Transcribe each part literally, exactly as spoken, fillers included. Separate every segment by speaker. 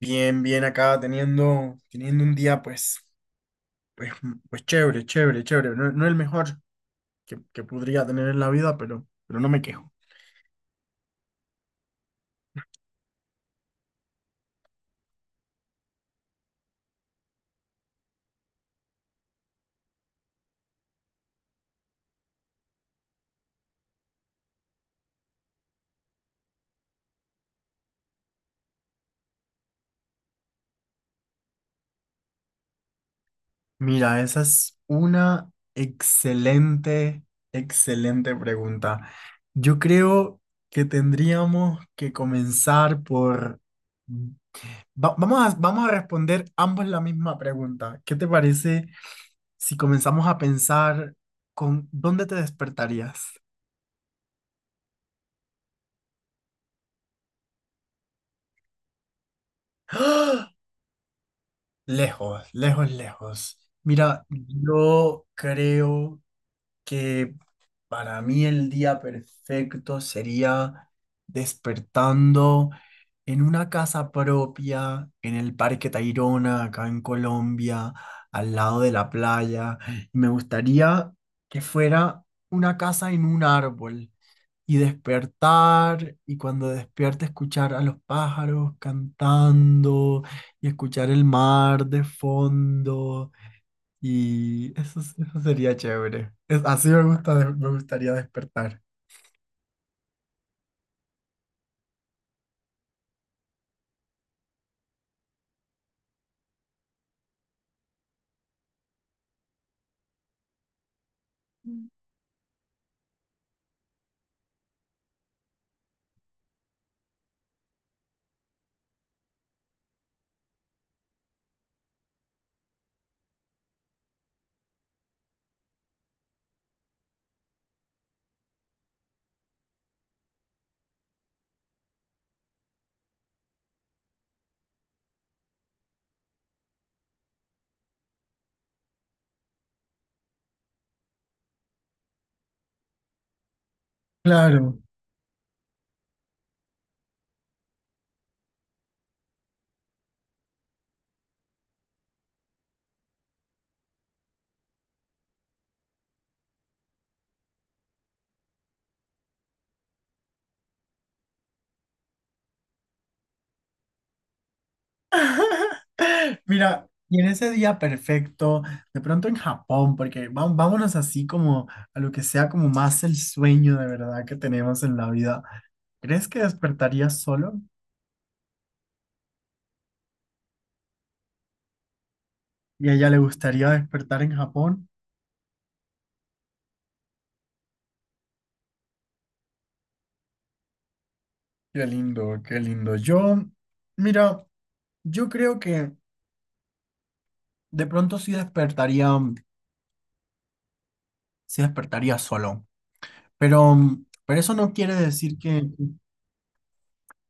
Speaker 1: Bien, bien acá teniendo, teniendo un día pues, pues, pues chévere, chévere, chévere. No, no el mejor que, que podría tener en la vida, pero, pero no me quejo. Mira, esa es una excelente, excelente pregunta. Yo creo que tendríamos que comenzar por... va- vamos a, vamos a responder ambos la misma pregunta. ¿Qué te parece si comenzamos a pensar con dónde te despertarías? Lejos, lejos, lejos. Mira, yo creo que para mí el día perfecto sería despertando en una casa propia, en el Parque Tayrona, acá en Colombia, al lado de la playa. Me gustaría que fuera una casa en un árbol y despertar y cuando despierte escuchar a los pájaros cantando y escuchar el mar de fondo, y eso, es- eso sería chévere. Es, así me gusta, de- me gustaría despertar. Claro. Mira, y en ese día perfecto, de pronto en Japón, porque va- vámonos así como a lo que sea, como más el sueño de verdad que tenemos en la vida. ¿Crees que despertaría solo? ¿Y a ella le gustaría despertar en Japón? Qué lindo, qué lindo. Yo, mira, yo creo que de pronto sí despertaría, sí despertaría solo, pero, pero eso no quiere decir que,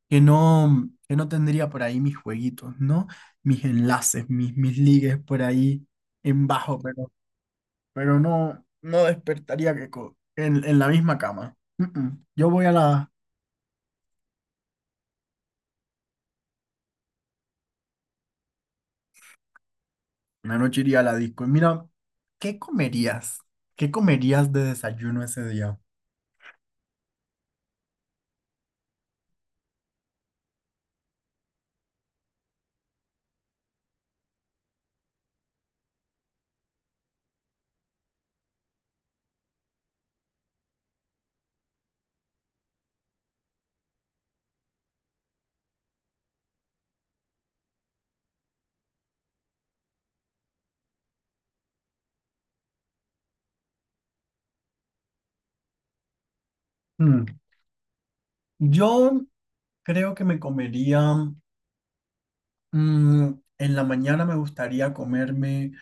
Speaker 1: que no, que no tendría por ahí mis jueguitos, ¿no? Mis enlaces, mis, mis ligues por ahí en bajo, pero, pero no, no despertaría que co- en, en la misma cama. Mm, mm. Yo voy a la, Una noche iría a la disco. Y mira, ¿qué comerías? ¿Qué comerías de desayuno ese día? Mm. Yo Creo que me comería, mm, en la mañana me gustaría comerme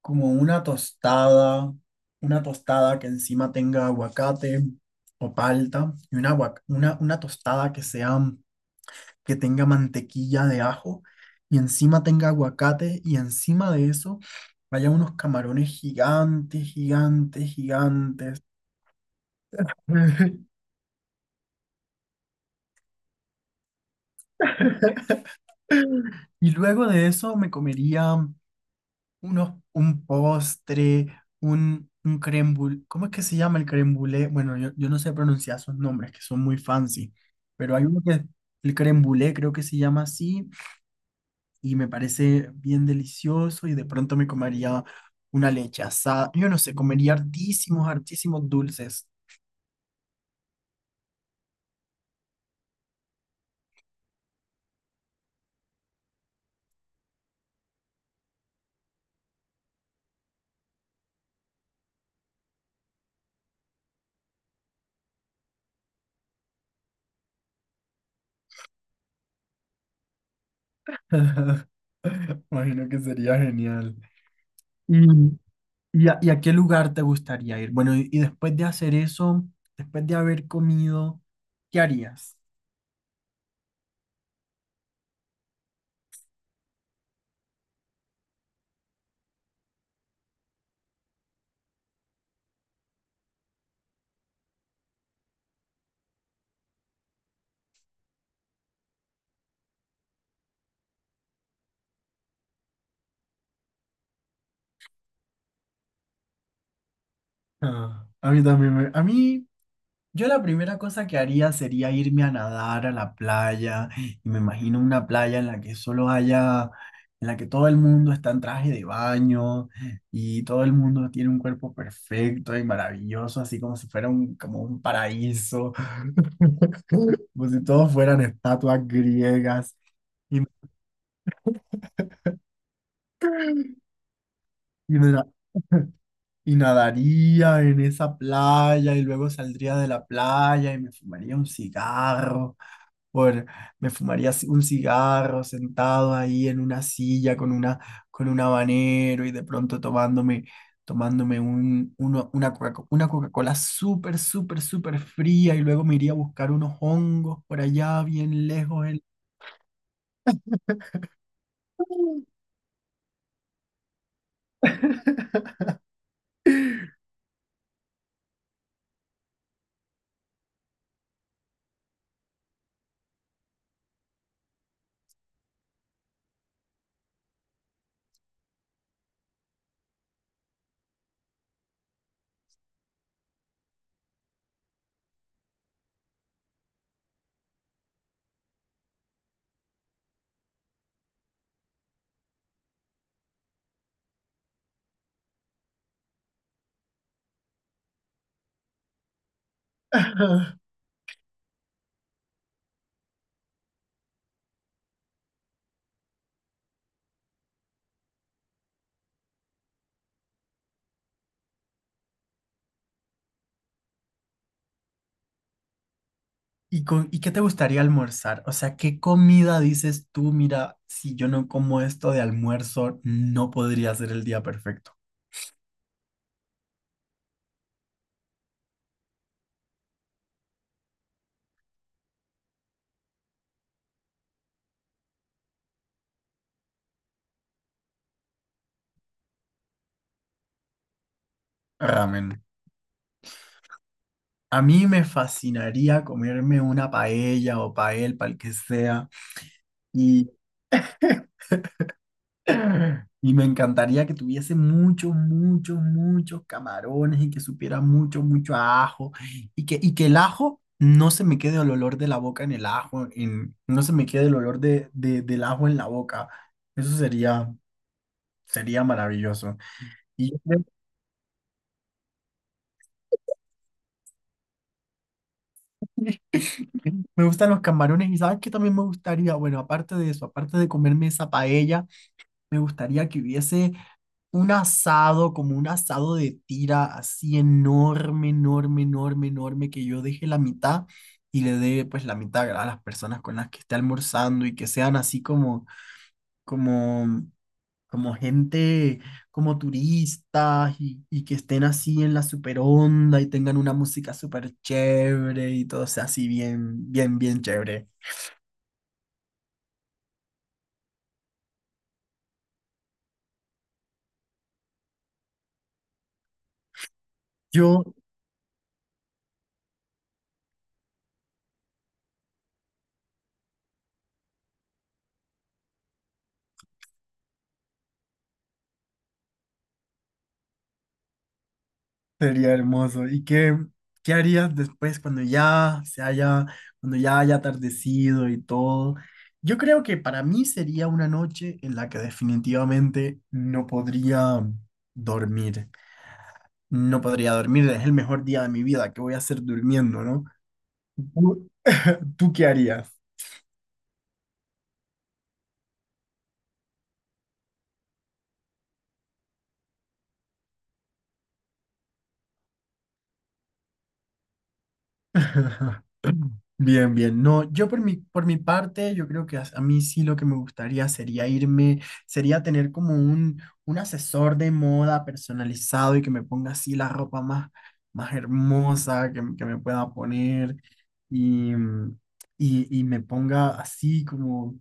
Speaker 1: como una tostada, una tostada que encima tenga aguacate o palta, y una, aguac- una, una tostada que sea, que tenga mantequilla de ajo, y encima tenga aguacate, y encima de eso vaya unos camarones gigantes, gigantes, gigantes. Y luego de eso me comería unos, un postre, un, un crème brûlée. ¿Cómo es que se llama el crème brûlée? Bueno, yo, yo no sé pronunciar esos nombres que son muy fancy, pero hay uno que, el crème brûlée creo que se llama así, y me parece bien delicioso. Y de pronto me comería una leche asada. Yo no sé, comería hartísimos, hartísimos dulces. Imagino que sería genial. ¿Y, y a, y a qué lugar te gustaría ir? Bueno, y, y después de hacer eso, después de haber comido, ¿qué harías? Ah, a mí también me- a mí, yo la primera cosa que haría sería irme a nadar a la playa, y me imagino una playa en la que solo haya, en la que todo el mundo está en traje de baño, y todo el mundo tiene un cuerpo perfecto y maravilloso, así como si fuera un, como un paraíso, como si todos fueran estatuas griegas, y, y me la- y nadaría en esa playa y luego saldría de la playa y me fumaría un cigarro por, me fumaría ci- un cigarro sentado ahí en una silla con una, con un habanero, y de pronto tomándome, tomándome un, uno- una Coca- una Coca-Cola súper, súper, súper fría, y luego me iría a buscar unos hongos por allá bien lejos. en- ¿Y, con, ¿y qué te gustaría almorzar? O sea, ¿qué comida dices tú? Mira, si yo no como esto de almuerzo, no podría ser el día perfecto. Ramen. A mí me fascinaría comerme una paella o pael, pal que sea, y, y me encantaría que tuviese muchos, muchos, muchos camarones y que supiera mucho, mucho a ajo, y que, y que el ajo no se me quede el olor de la boca en el ajo, en, no se me quede el olor de, de- del ajo en la boca. Eso sería, sería maravilloso. Y yo creo me gustan los camarones. ¿Y sabes qué también me gustaría? Bueno, aparte de eso, aparte de comerme esa paella, me gustaría que hubiese un asado, como un asado de tira así enorme, enorme, enorme, enorme, que yo deje la mitad y le dé pues la mitad a las personas con las que esté almorzando, y que sean así como, como, como gente, como turistas, y, y que estén así en la super onda y tengan una música súper chévere y todo sea así bien, bien, bien chévere. Yo Sería hermoso. ¿Y qué, qué harías después cuando ya se haya, cuando ya haya atardecido y todo? Yo creo que para mí sería una noche en la que definitivamente no podría dormir. No podría dormir, es el mejor día de mi vida. ¿Qué voy a hacer durmiendo, no? ¿Tú, tú qué harías? Bien, bien. No, yo por mi, por mi parte, yo creo que a, a mí sí, lo que me gustaría sería irme, sería tener como un, un asesor de moda personalizado y que me ponga así la ropa más, más hermosa que, que me pueda poner y, mm, y, y me ponga así como,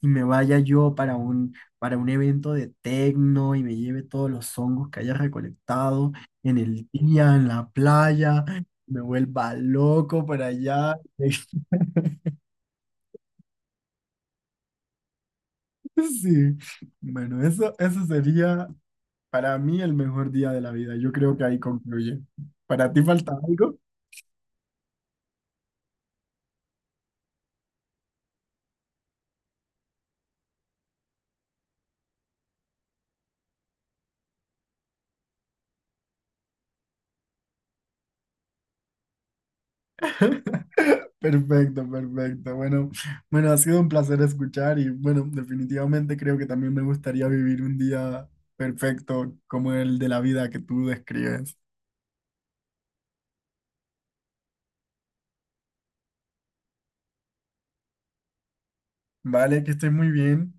Speaker 1: y me vaya yo para un, para un evento de tecno, y me lleve todos los hongos que haya recolectado en el día, en la playa, me vuelva loco para allá. Sí, bueno, eso, eso sería para mí el mejor día de la vida. Yo creo que ahí concluye. ¿Para ti falta algo? Perfecto, perfecto. Bueno, bueno, ha sido un placer escuchar y bueno, definitivamente creo que también me gustaría vivir un día perfecto como el de la vida que tú describes. Vale, que estés muy bien.